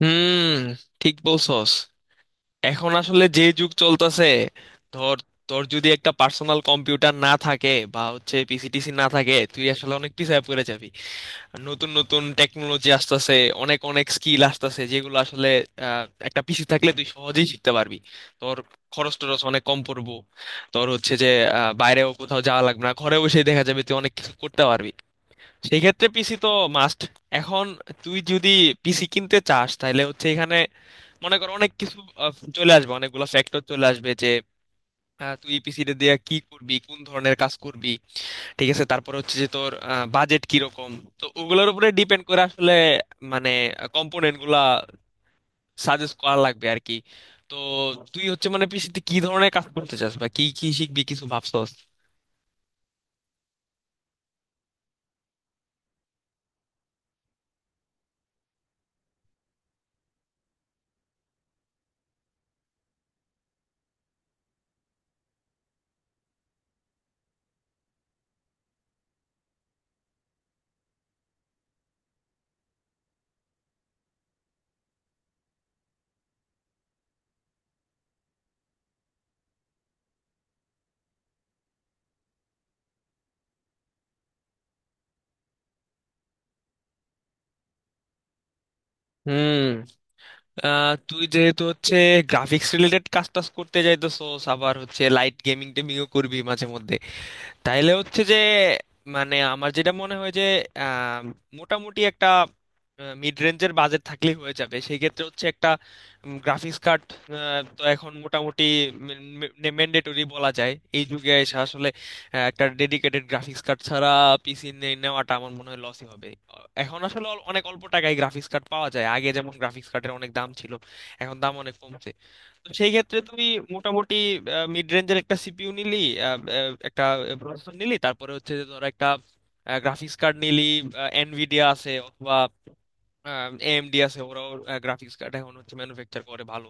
হুম। ঠিক বলছস। এখন আসলে যে যুগ চলতেছে, ধর তোর যদি একটা পার্সোনাল কম্পিউটার না থাকে বা হচ্ছে পিসিটিসি না থাকে, তুই আসলে অনেক পিছায় পড়ে যাবি। আর নতুন নতুন টেকনোলজি আসতেছে, অনেক অনেক স্কিল আসতেছে যেগুলো আসলে একটা পিসি থাকলে তুই সহজেই শিখতে পারবি। তোর খরচ টরচ অনেক কম পড়বো। তোর হচ্ছে যে বাইরেও কোথাও যাওয়া লাগবে না, ঘরে বসেই দেখা যাবে, তুই অনেক কিছু করতে পারবি। সেই ক্ষেত্রে পিসি তো মাস্ট। এখন তুই যদি পিসি কিনতে চাস তাহলে হচ্ছে এখানে মনে কর অনেক কিছু চলে আসবে, অনেকগুলো ফ্যাক্টর চলে আসবে যে তুই পিসিটা দিয়ে কি করবি, কোন ধরনের কাজ করবি। ঠিক আছে, তারপর হচ্ছে যে তোর বাজেট কিরকম। তো ওগুলোর উপরে ডিপেন্ড করে আসলে মানে কম্পোনেন্ট গুলা সাজেস্ট করা লাগবে আর কি। তো তুই হচ্ছে মানে পিসিতে কি ধরনের কাজ করতে চাস বা কি কি শিখবি, কিছু ভাবছস? হুম। তুই যেহেতু হচ্ছে গ্রাফিক্স রিলেটেড কাজ টাজ করতে যাইতেছস, আবার হচ্ছে লাইট গেমিং টেমিংও করবি মাঝে মধ্যে, তাইলে হচ্ছে যে মানে আমার যেটা মনে হয় যে আহ, মোটামুটি একটা মিড রেঞ্জের বাজেট থাকলেই হয়ে যাবে। সেই ক্ষেত্রে হচ্ছে একটা গ্রাফিক্স কার্ড তো এখন মোটামুটি ম্যান্ডেটরি বলা যায়। এই যুগে এসে আসলে একটা ডেডিকেটেড গ্রাফিক্স কার্ড ছাড়া পিসি নেওয়াটা আমার মনে হয় লসই হবে। এখন আসলে অনেক অল্প টাকায় গ্রাফিক্স কার্ড পাওয়া যায়। আগে যেমন গ্রাফিক্স কার্ডের অনেক দাম ছিল, এখন দাম অনেক কমছে। সেই ক্ষেত্রে তুমি মোটামুটি মিড রেঞ্জের একটা সিপিইউ নিলি, আহ, আহ, একটা প্রসেসর নিলি, তারপরে হচ্ছে যে ধরো একটা গ্রাফিক্স কার্ড নিলি। এনভিডিয়া আছে, অথবা এএমডি আছে, ওরাও গ্রাফিক্স কার্ড এখন হচ্ছে ম্যানুফ্যাকচার করে ভালো।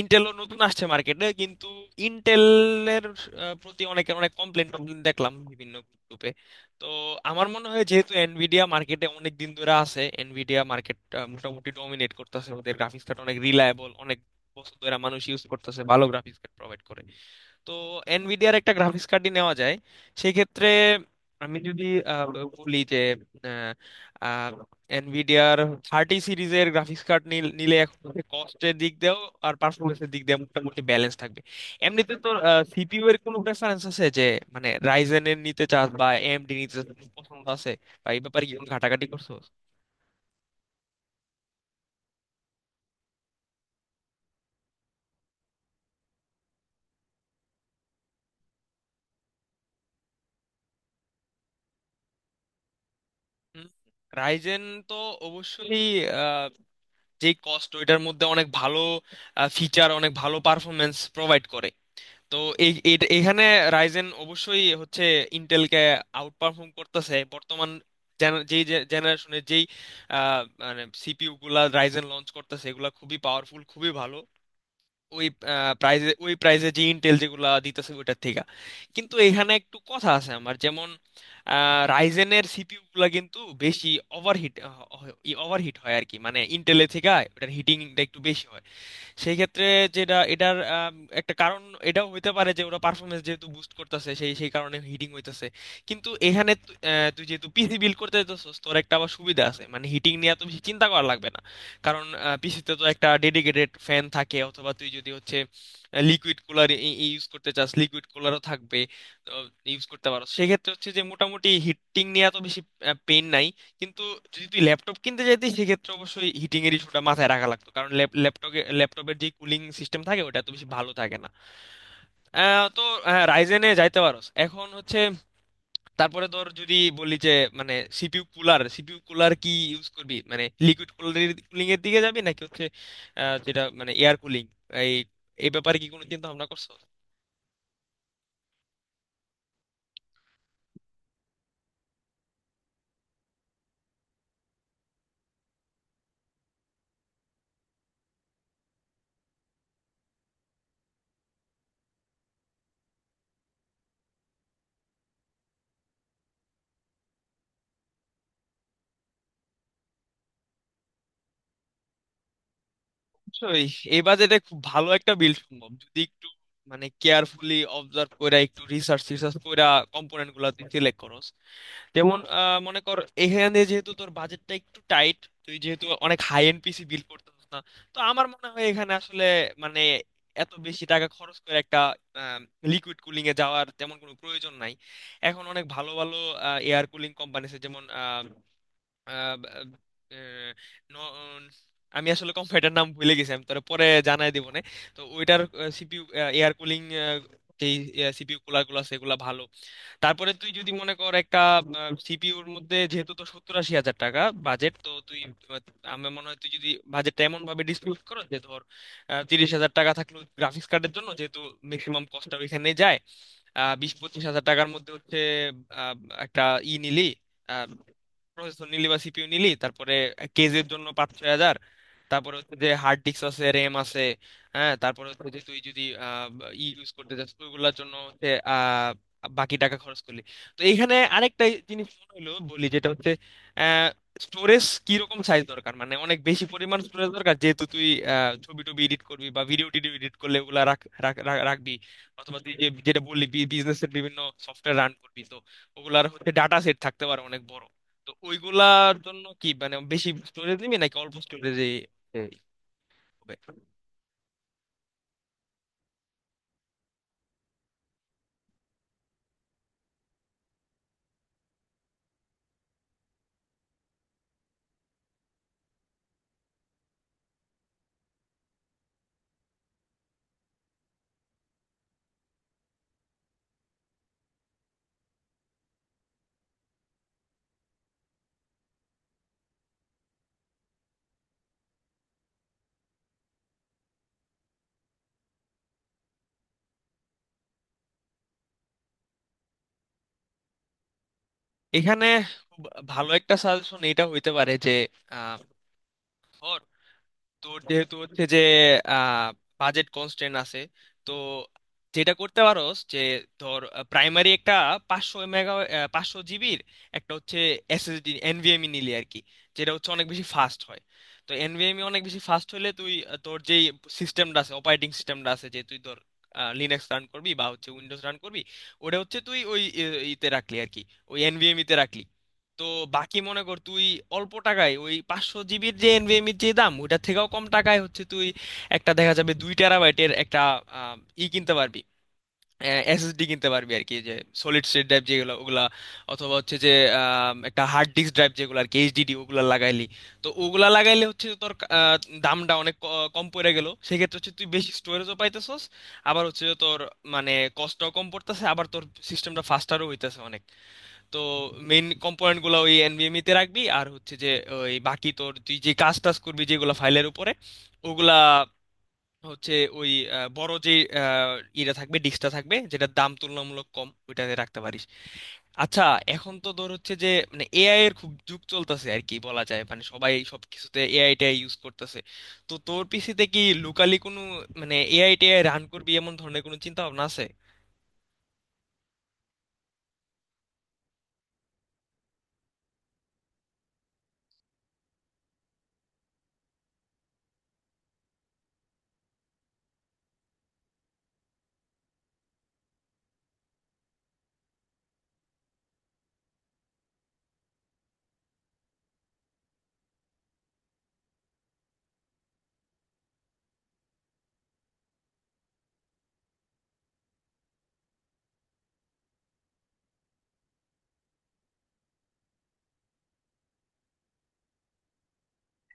ইন্টেলও নতুন আসছে মার্কেটে, কিন্তু ইন্টেলের প্রতি অনেকের অনেক কমপ্লেন টমপ্লেন দেখলাম বিভিন্ন গ্রুপে। তো আমার মনে হয় যেহেতু এনভিডিয়া মার্কেটে অনেক দিন ধরে আছে, এনভিডিয়া মার্কেট মোটামুটি ডমিনেট করতেছে, ওদের গ্রাফিক্স কার্ড অনেক রিলায়েবল, অনেক বছর ধরে মানুষ ইউজ করতেছে, ভালো গ্রাফিক্স কার্ড প্রোভাইড করে। তো এনভিডিয়ার একটা গ্রাফিক্স কার্ডই নেওয়া যায় সেক্ষেত্রে। আমি যদি আহ, বলি যে এনভিডিয়ার 30 সিরিজের গ্রাফিক্স কার্ড নিলে এখন কস্টের দিক দিয়েও আর পারফরমেন্সের দিক দিয়ে মোটামুটি ব্যালেন্স থাকবে। এমনিতে তো সিপিইউ এর কোনো প্রেফারেন্স আছে যে মানে রাইজেন এর নিতে চাস বা এএমডি নিতে চাস, কোনো পছন্দ আছে বা এই ব্যাপারে কি কোনো ঘাটাঘাটি করছো? হুম, রাইজেন তো অবশ্যই যে কস্ট ওইটার মধ্যে অনেক ভালো ফিচার, অনেক ভালো পারফরমেন্স প্রোভাইড করে। তো এখানে রাইজেন অবশ্যই হচ্ছে ইন্টেলকে আউট পারফর্ম করতেছে বর্তমান যেই জেনারেশনের যেই মানে সিপিইউ গুলা রাইজেন লঞ্চ করতেছে, এগুলা খুবই পাওয়ারফুল, খুবই ভালো ওই ওই প্রাইজে যে ইন্টেল যেগুলা দিতেছে ওইটার থেকে। কিন্তু এখানে একটু কথা আছে, আমার যেমন রাইজেনের সিপিইউ গুলা কিন্তু বেশি ওভারহিট ওভারহিট হয় আর কি, মানে ইন্টেলের থেকে ওটার হিটিংটা একটু বেশি হয়। সেই ক্ষেত্রে যেটা এটার একটা কারণ এটাও হইতে পারে যে ওরা পারফরমেন্স যেহেতু বুস্ট করতেছে, সেই সেই কারণে হিটিং হইতেছে। কিন্তু এখানে তুই যেহেতু পিসি বিল্ড করতে যাচ্ছিস তোর একটা আবার সুবিধা আছে, মানে হিটিং নিয়ে এত বেশি চিন্তা করা লাগবে না। কারণ পিসিতে তো একটা ডেডিকেটেড ফ্যান থাকে, অথবা তুই যদি হচ্ছে লিকুইড কুলার ইউজ করতে চাস, লিকুইড কুলারও থাকবে, ইউজ করতে পারো। সেক্ষেত্রে হচ্ছে যে মোটামুটি হিটিং নিয়ে এত বেশি পেইন নাই। কিন্তু যদি তুই ল্যাপটপ কিনতে চাইতিস, সেক্ষেত্রে অবশ্যই হিটিং এর ইস্যুটা মাথায় রাখা লাগতো, কারণ ল্যাপটপে ল্যাপটপের যে কুলিং সিস্টেম থাকে ওটা তো বেশি ভালো থাকে না। তো রাইজেনে যাইতে পারোস এখন হচ্ছে। তারপরে ধর যদি বলি যে মানে সিপিইউ কুলার কি ইউজ করবি, মানে লিকুইড কুলিং এর দিকে যাবি নাকি হচ্ছে যেটা মানে এয়ার কুলিং, এই এই ব্যাপারে কি কোনো চিন্তা ভাবনা করছো? অবশ্যই, এই বাজেটে খুব ভালো একটা বিল্ড সম্ভব যদি একটু মানে কেয়ারফুলি অবজার্ভ কইরা একটু রিসার্চ রিসার্চ কইরা কম্পোনেন্ট গুলা তুই সিলেক্ট করস। যেমন মনে কর, এখানে যেহেতু তোর বাজেটটা একটু টাইট, তুই যেহেতু অনেক হাই এন্ড পিসি বিল্ড করতে পারছিস না, তো আমার মনে হয় এখানে আসলে মানে এত বেশি টাকা খরচ করে একটা লিকুইড কুলিং এ যাওয়ার তেমন কোনো প্রয়োজন নাই। এখন অনেক ভালো ভালো এয়ার কুলিং কোম্পানি আছে, যেমন আহ, আহ, ন- আমি আসলে কম্পিউটার নাম ভুলে গেছি, আমি তোরে পরে জানাই দিব না। তো ওইটার সিপিইউ এয়ার কুলিং যেই সিপিইউ কুলার গুলো আছে এগুলা ভালো। তারপরে তুই যদি মনে কর একটা সিপিইউর মধ্যে যেহেতু তো 70-80 হাজার টাকা বাজেট, তো তুই আহ, আমার মনে হয় তুই যদি বাজেটটা এমন ভাবে ডিসপিউট করো যে ধর 30 হাজার টাকা থাকলো গ্রাফিক্স কার্ডের জন্য যেহেতু ম্যাক্সিমাম কস্টটা ওইখানে যায়, আহ, 20-25 হাজার টাকার মধ্যে হচ্ছে আহ, একটা ই নিলি, আহ, প্রসেসর নিলি বা সিপিইউ নিলি, তারপরে কেজের জন্য 5-6 হাজার, তারপরে হচ্ছে যে হার্ড ডিস্ক আছে, র্যাম আছে, হ্যাঁ, তারপরে হচ্ছে যে তুই যদি ই ইউজ করতে চাস ওইগুলোর জন্য হচ্ছে আহ, বাকি টাকা খরচ করলি। তো এইখানে আরেকটা জিনিস মনে হলো বলি যেটা হচ্ছে স্টোরেজ কি রকম সাইজ দরকার, মানে অনেক বেশি পরিমাণ স্টোরেজ দরকার যেহেতু তুই ছবি টবি এডিট করবি বা ভিডিও টিডিও এডিট করলে ওগুলা রাখ রাখ- রাখ- রাখবি, অথবা তুই যে যেটা বললি বিজনেসের বিভিন্ন সফটওয়্যার রান করবি, তো ওগুলার হচ্ছে ডাটা সেট থাকতে পারে অনেক বড়। তো ওইগুলার জন্য কি মানে বেশি স্টোরেজ নিবি নাকি অল্প স্টোরেজে হবে? এখানে খুব ভালো একটা সাজেশন এটা হইতে পারে যে, তো যেহেতু হচ্ছে যে আহ, বাজেট কনস্ট্রেন্ট আছে, তো যেটা করতে পারো যে ধর প্রাইমারি একটা 500 মেগা 500 জিবির একটা হচ্ছে এসএসডি এনভিএমই নিলি আর কি, যেটা হচ্ছে অনেক বেশি ফাস্ট হয়। তো এনভিএমই অনেক বেশি ফাস্ট হলে তুই তোর যেই সিস্টেমটা আছে, অপারেটিং সিস্টেমটা আছে, যে তুই ধর লিনাক্স রান করবি বা হচ্ছে উইন্ডোজ রান করবি, ওটা হচ্ছে তুই ওই ইতে রাখলি আর কি, ওই এনভিএমই তে রাখলি। তো বাকি মনে কর, তুই অল্প টাকায় ওই 500 জিবির যে এনভিএম এর যে দাম ওটার থেকেও কম টাকায় হচ্ছে তুই একটা দেখা যাবে 2 টেরাবাইটের একটা আহ, ই কিনতে পারবি, এসএসডি কিনতে পারবি আর কি, যে সলিড স্টেট ড্রাইভ যেগুলো ওগুলা, অথবা হচ্ছে যে একটা হার্ড ডিস্ক ড্রাইভ যেগুলো আর কি, এইচডিডি ওগুলা লাগাইলি। তো ওগুলা লাগাইলে হচ্ছে তোর আহ, দামটা অনেক কম পড়ে গেল, সেক্ষেত্রে হচ্ছে তুই বেশি স্টোরেজও পাইতেছস, আবার হচ্ছে যে তোর মানে কষ্টও কম পড়তেছে, আবার তোর সিস্টেমটা ফাস্টারও হইতেছে অনেক। তো মেইন কম্পোনেন্ট গুলো ওই এনভিএমই তে রাখবি, আর হচ্ছে যে ওই বাকি তোর তুই যে কাজ টাজ করবি যেগুলো ফাইলের উপরে ওগুলা হচ্ছে ওই বড় যে আহ, ইটা থাকবে, ডিস্কটা থাকবে যেটার দাম তুলনামূলক কম, ওইটাতে রাখতে পারিস। আচ্ছা, এখন তো ধর হচ্ছে যে মানে এআই এর খুব যুগ চলতেছে আর কি বলা যায়, মানে সবাই সব কিছুতে এআই টাই ইউজ করতেছে। তো তোর পিসিতে কি লোকালি কোনো মানে এআই টেআই রান করবি এমন ধরনের কোনো চিন্তা ভাবনা আছে?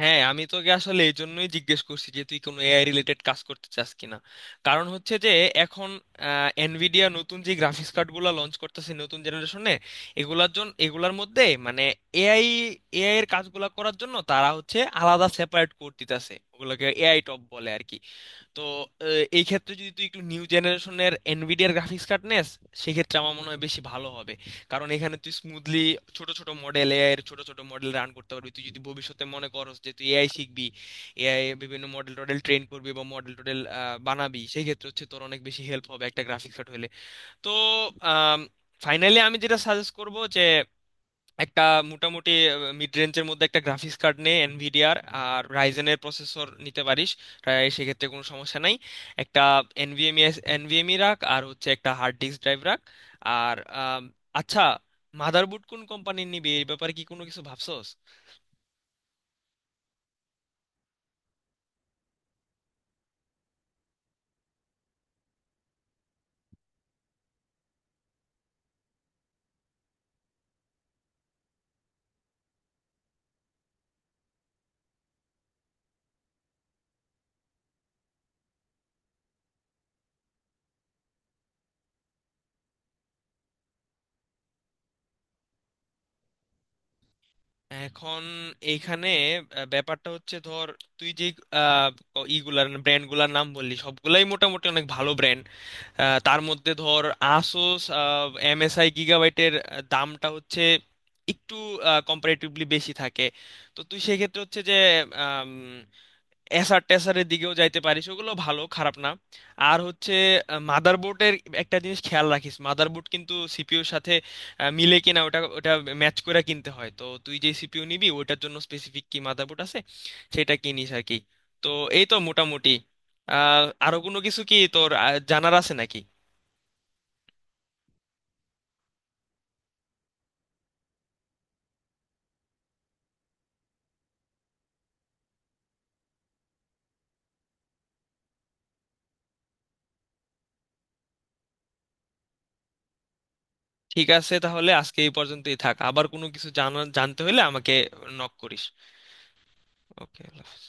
হ্যাঁ, আমি তোকে আসলে এই জন্যই জিজ্ঞেস করছি যে তুই কোনো এআই রিলেটেড কাজ করতে চাস কিনা। কারণ হচ্ছে যে এখন এনভিডিয়া নতুন যে গ্রাফিক্স কার্ডগুলো লঞ্চ করতেছে নতুন জেনারেশনে, এগুলার জন্য এগুলার মধ্যে মানে এআই এআই এর কাজগুলো করার জন্য তারা হচ্ছে আলাদা সেপারেট কোড দিতেছে, ওগুলোকে এআই টপ বলে আর কি। তো এই ক্ষেত্রে যদি তুই একটু নিউ জেনারেশনের এনভিডিয়ার গ্রাফিক্স কার্ড নেস, সেক্ষেত্রে আমার মনে হয় বেশি ভালো হবে। কারণ এখানে তুই স্মুথলি ছোট ছোট মডেল, এআই এর ছোট ছোট মডেল রান করতে পারবি। তুই যদি ভবিষ্যতে মনে করস যে তুই এআই শিখবি, এআই বিভিন্ন মডেল টডেল ট্রেন করবি বা মডেল টডেল বানাবি, সেই ক্ষেত্রে হচ্ছে তোর অনেক বেশি হেল্প হবে একটা গ্রাফিক্স কার্ড হলে। তো ফাইনালি আমি যেটা সাজেস্ট করব যে একটা মোটামুটি মিড রেঞ্জের মধ্যে একটা গ্রাফিক্স কার্ড নে এনভিডিআর, আর রাইজেনের প্রসেসর নিতে পারিস, আহ, সেক্ষেত্রে কোনো সমস্যা নাই। একটা এনভিএমই এনভিএমই রাখ আর হচ্ছে একটা হার্ড ডিস্ক ড্রাইভ রাখ। আর আচ্ছা, মাদারবোর্ড কোন কোম্পানির নিবি এই ব্যাপারে কি কোনো কিছু ভাবছস? এখন এইখানে ব্যাপারটা হচ্ছে, ধর তুই যে আহ, ইগুলার ব্র্যান্ডগুলার নাম বললি সবগুলাই মোটামুটি অনেক ভালো ব্র্যান্ড। তার মধ্যে ধর আসুস, এমএসআই, গিগাবাইটের দামটা হচ্ছে একটু কম্পারেটিভলি বেশি থাকে। তো তুই সেক্ষেত্রে হচ্ছে যে এসার টেসারের দিকেও যাইতে পারিস, ওগুলো ভালো, খারাপ না। আর হচ্ছে মাদারবোর্ডের একটা জিনিস খেয়াল রাখিস, মাদারবোর্ড কিন্তু সিপিইউর সাথে মিলে কিনা ওটা ওটা ম্যাচ করে কিনতে হয়। তো তুই যে সিপিইউ নিবি ওটার জন্য স্পেসিফিক কি মাদারবোর্ড আছে সেটা কিনিস আর কি। তো এই তো মোটামুটি, আহ, আরো কোনো কিছু কি তোর জানার আছে নাকি? ঠিক আছে, তাহলে আজকে এই পর্যন্তই থাক। আবার কোনো কিছু জানা জানতে হলে আমাকে নক করিস। ওকে, আল্লাহ হাফেজ।